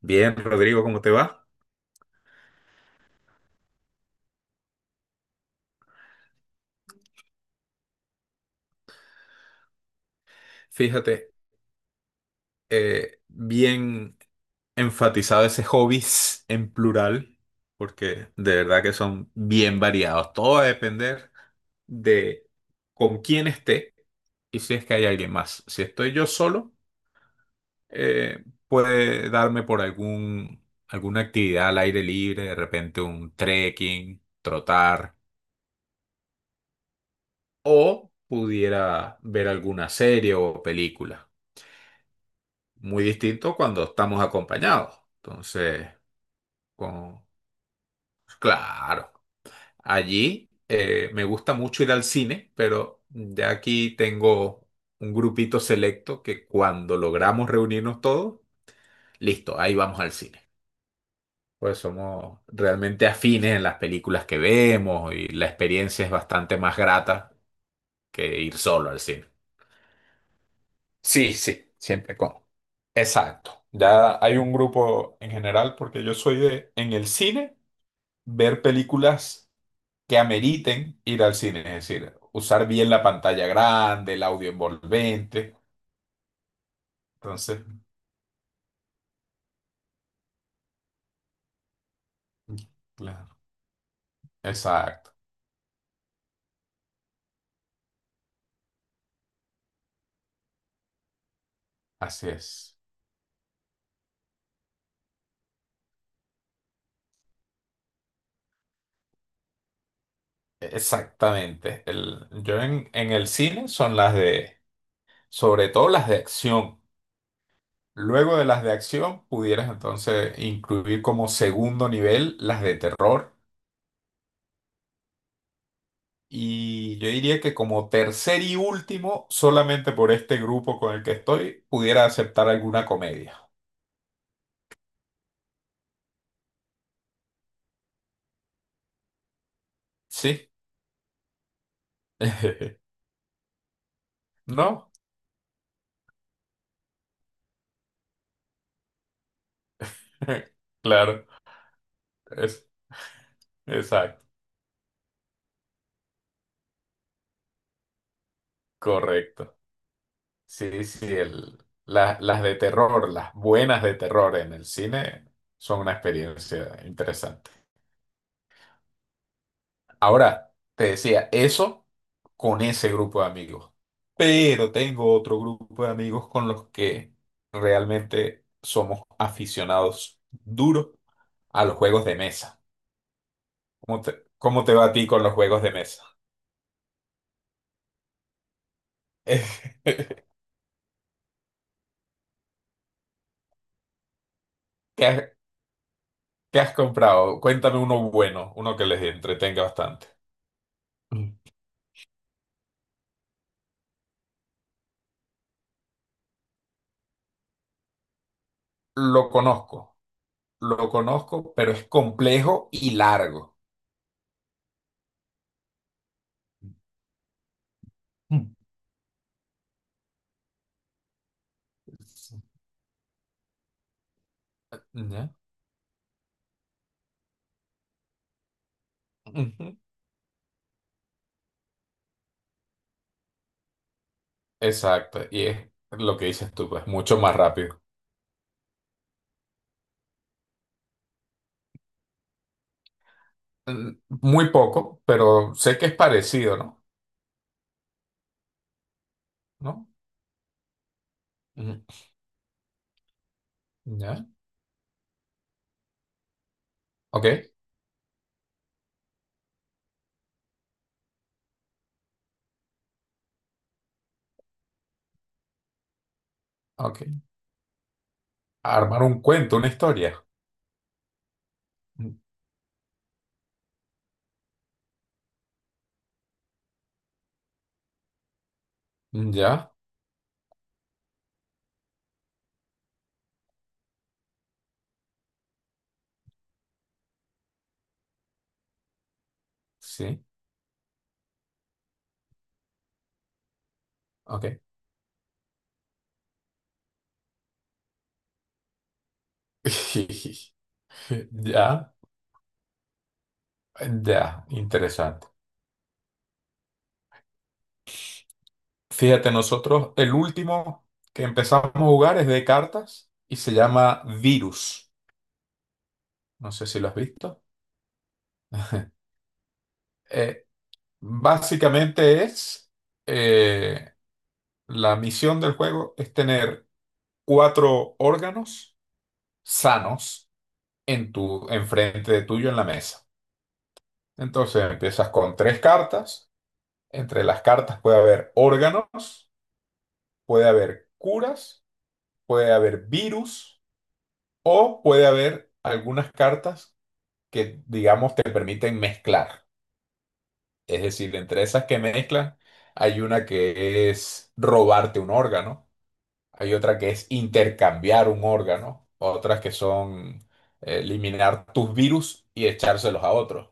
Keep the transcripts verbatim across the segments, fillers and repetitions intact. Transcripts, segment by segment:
Bien, Rodrigo, ¿cómo te va? Fíjate, eh, bien enfatizado ese hobbies en plural, porque de verdad que son bien variados. Todo va a depender de con quién esté y si es que hay alguien más. Si estoy yo solo, eh, puede darme por algún, alguna actividad al aire libre, de repente un trekking, trotar, o pudiera ver alguna serie o película. Muy distinto cuando estamos acompañados. Entonces, con... claro, allí eh, me gusta mucho ir al cine, pero ya aquí tengo un grupito selecto que cuando logramos reunirnos todos, listo, ahí vamos al cine. Pues somos realmente afines en las películas que vemos y la experiencia es bastante más grata que ir solo al cine. Sí, sí, siempre con. Exacto. Ya hay un grupo en general porque yo soy de en el cine. Ver películas que ameriten ir al cine, es decir, usar bien la pantalla grande, el audio envolvente. Entonces, claro, exacto, así es. Exactamente. El, yo en, en el cine son las de, sobre todo las de acción. Luego de las de acción, pudieras entonces incluir como segundo nivel las de terror. Y yo diría que como tercer y último, solamente por este grupo con el que estoy, pudiera aceptar alguna comedia. Sí. No. Claro. Es, exacto. Correcto. Sí, sí. El, la- las de terror, las buenas de terror en el cine son una experiencia interesante. Ahora, te decía, eso con ese grupo de amigos. Pero tengo otro grupo de amigos con los que realmente somos aficionados duros a los juegos de mesa. ¿Cómo te, cómo te va a ti con los juegos de mesa? ¿Qué has, ¿Qué has comprado? Cuéntame uno bueno, uno que les entretenga bastante. Mm. Lo conozco, lo conozco, pero es complejo y largo. Mm. ¿Ya? Ujú. Exacto, y es lo que dices tú, pues mucho más rápido. Mm, Muy poco, pero sé que es parecido, ¿no? ¿No? Ujú. ¿Ya? Ok, ok. Armar un cuento, una historia. Mm, ¿Ya? Sí, ok. Ya, ya, interesante. Fíjate, nosotros el último que empezamos a jugar es de cartas y se llama Virus. No sé si lo has visto. Eh, Básicamente es, eh, la misión del juego es tener cuatro órganos sanos en tu, enfrente de tuyo en la mesa. Entonces empiezas con tres cartas. Entre las cartas puede haber órganos, puede haber curas, puede haber virus o puede haber algunas cartas que, digamos, te permiten mezclar. Es decir, entre esas que mezclan, hay una que es robarte un órgano, hay otra que es intercambiar un órgano, otras que son eh, eliminar tus virus y echárselos a otros.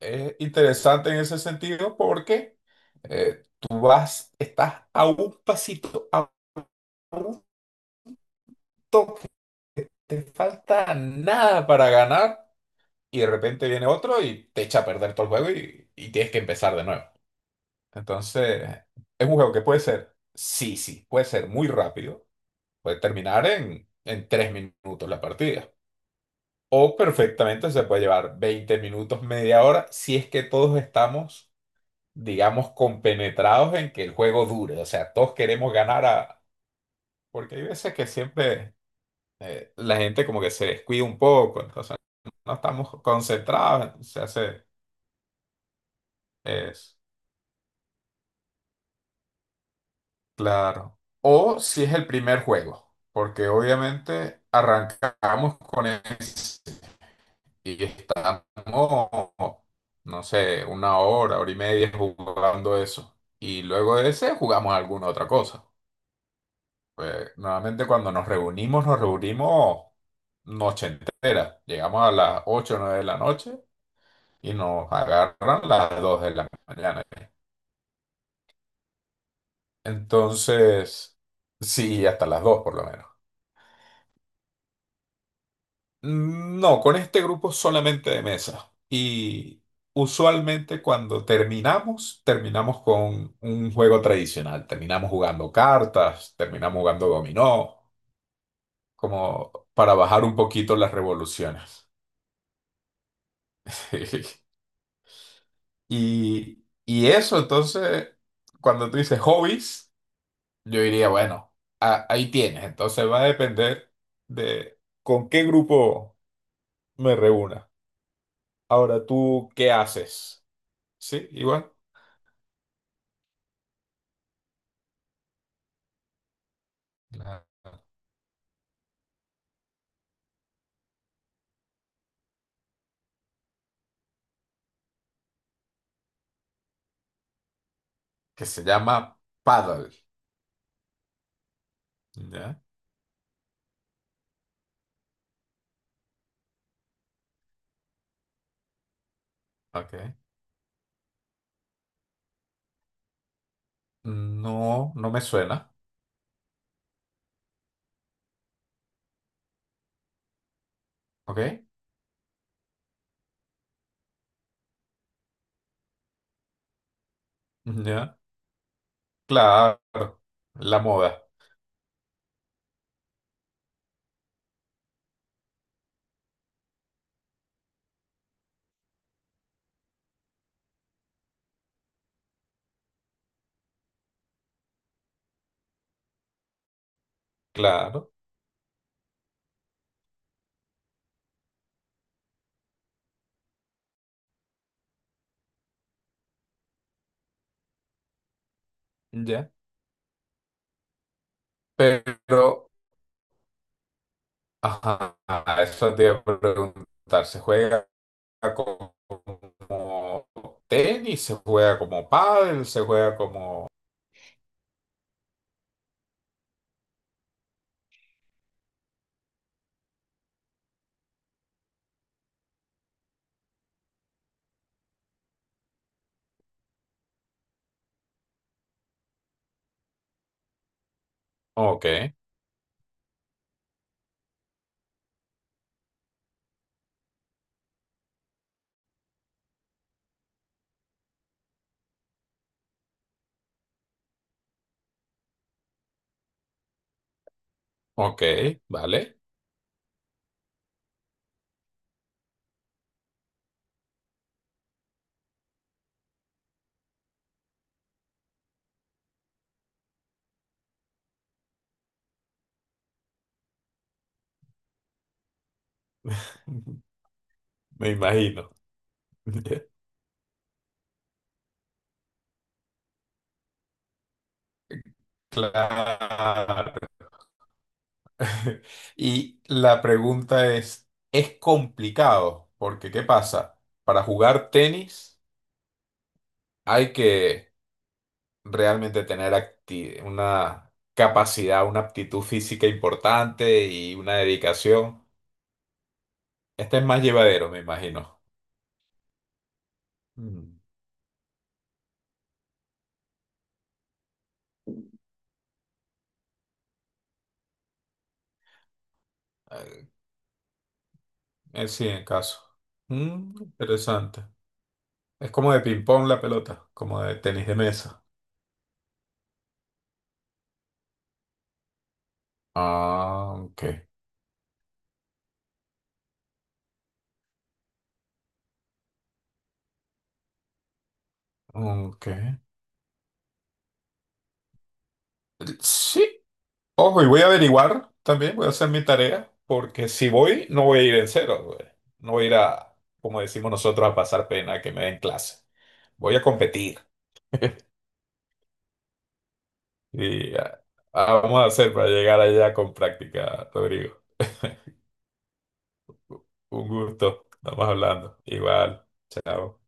Es interesante en ese sentido porque eh, tú vas, estás a un pasito, a un toque, te falta nada para ganar y de repente viene otro y te echa a perder todo el juego y y tienes que empezar de nuevo. Entonces, es un juego que puede ser, sí, sí, puede ser muy rápido, puede terminar en, en, tres minutos la partida. O perfectamente se puede llevar veinte minutos, media hora, si es que todos estamos, digamos, compenetrados en que el juego dure. O sea, todos queremos ganar a... Porque hay veces que siempre eh, la gente como que se descuida un poco, entonces no estamos concentrados, entonces se hace... es Claro. O si es el primer juego, porque obviamente arrancamos con ese y estamos, no sé, una hora, hora y media jugando eso. Y luego de ese jugamos alguna otra cosa. Pues, normalmente cuando nos reunimos, nos reunimos noche entera. Llegamos a las ocho o nueve de la noche y nos agarran las dos de la mañana. Entonces, sí, hasta las dos por lo menos. No, con este grupo solamente de mesa. Y usualmente cuando terminamos, terminamos con un juego tradicional. Terminamos jugando cartas, terminamos jugando dominó, como para bajar un poquito las revoluciones. Y, y eso, entonces, cuando tú dices hobbies, yo diría, bueno, a- ahí tienes. Entonces va a depender de con qué grupo me reúna. Ahora, ¿tú qué haces? Sí, igual. Claro. Que se llama Paddle. ¿Ya? Ok. No, no me suena. ¿Ok? ¿Ya? Claro. La moda. Claro. ¿Ya? Pero, ajá, eso te iba a preguntar. ¿Se juega como tenis? ¿Se juega como pádel? ¿Se juega como...? Ok, ok, vale. Me imagino. Claro. Y la pregunta es, es, complicado, porque ¿qué pasa? Para jugar tenis hay que realmente tener acti- una capacidad, una aptitud física importante y una dedicación. Este es más llevadero, me imagino. Mm. Eh, eh, sí, en caso. Mm, interesante. Es como de ping-pong la pelota, como de tenis de mesa. Ah, ok. Ok. Sí, ojo, y voy a averiguar también, voy a hacer mi tarea, porque si voy, no voy a ir en cero, güey. No voy a ir a, como decimos nosotros, a pasar pena que me den clase. Voy a competir. Y ah, ah, Vamos a hacer para llegar allá con práctica, Rodrigo. Un gusto. Estamos hablando. Igual. Chao.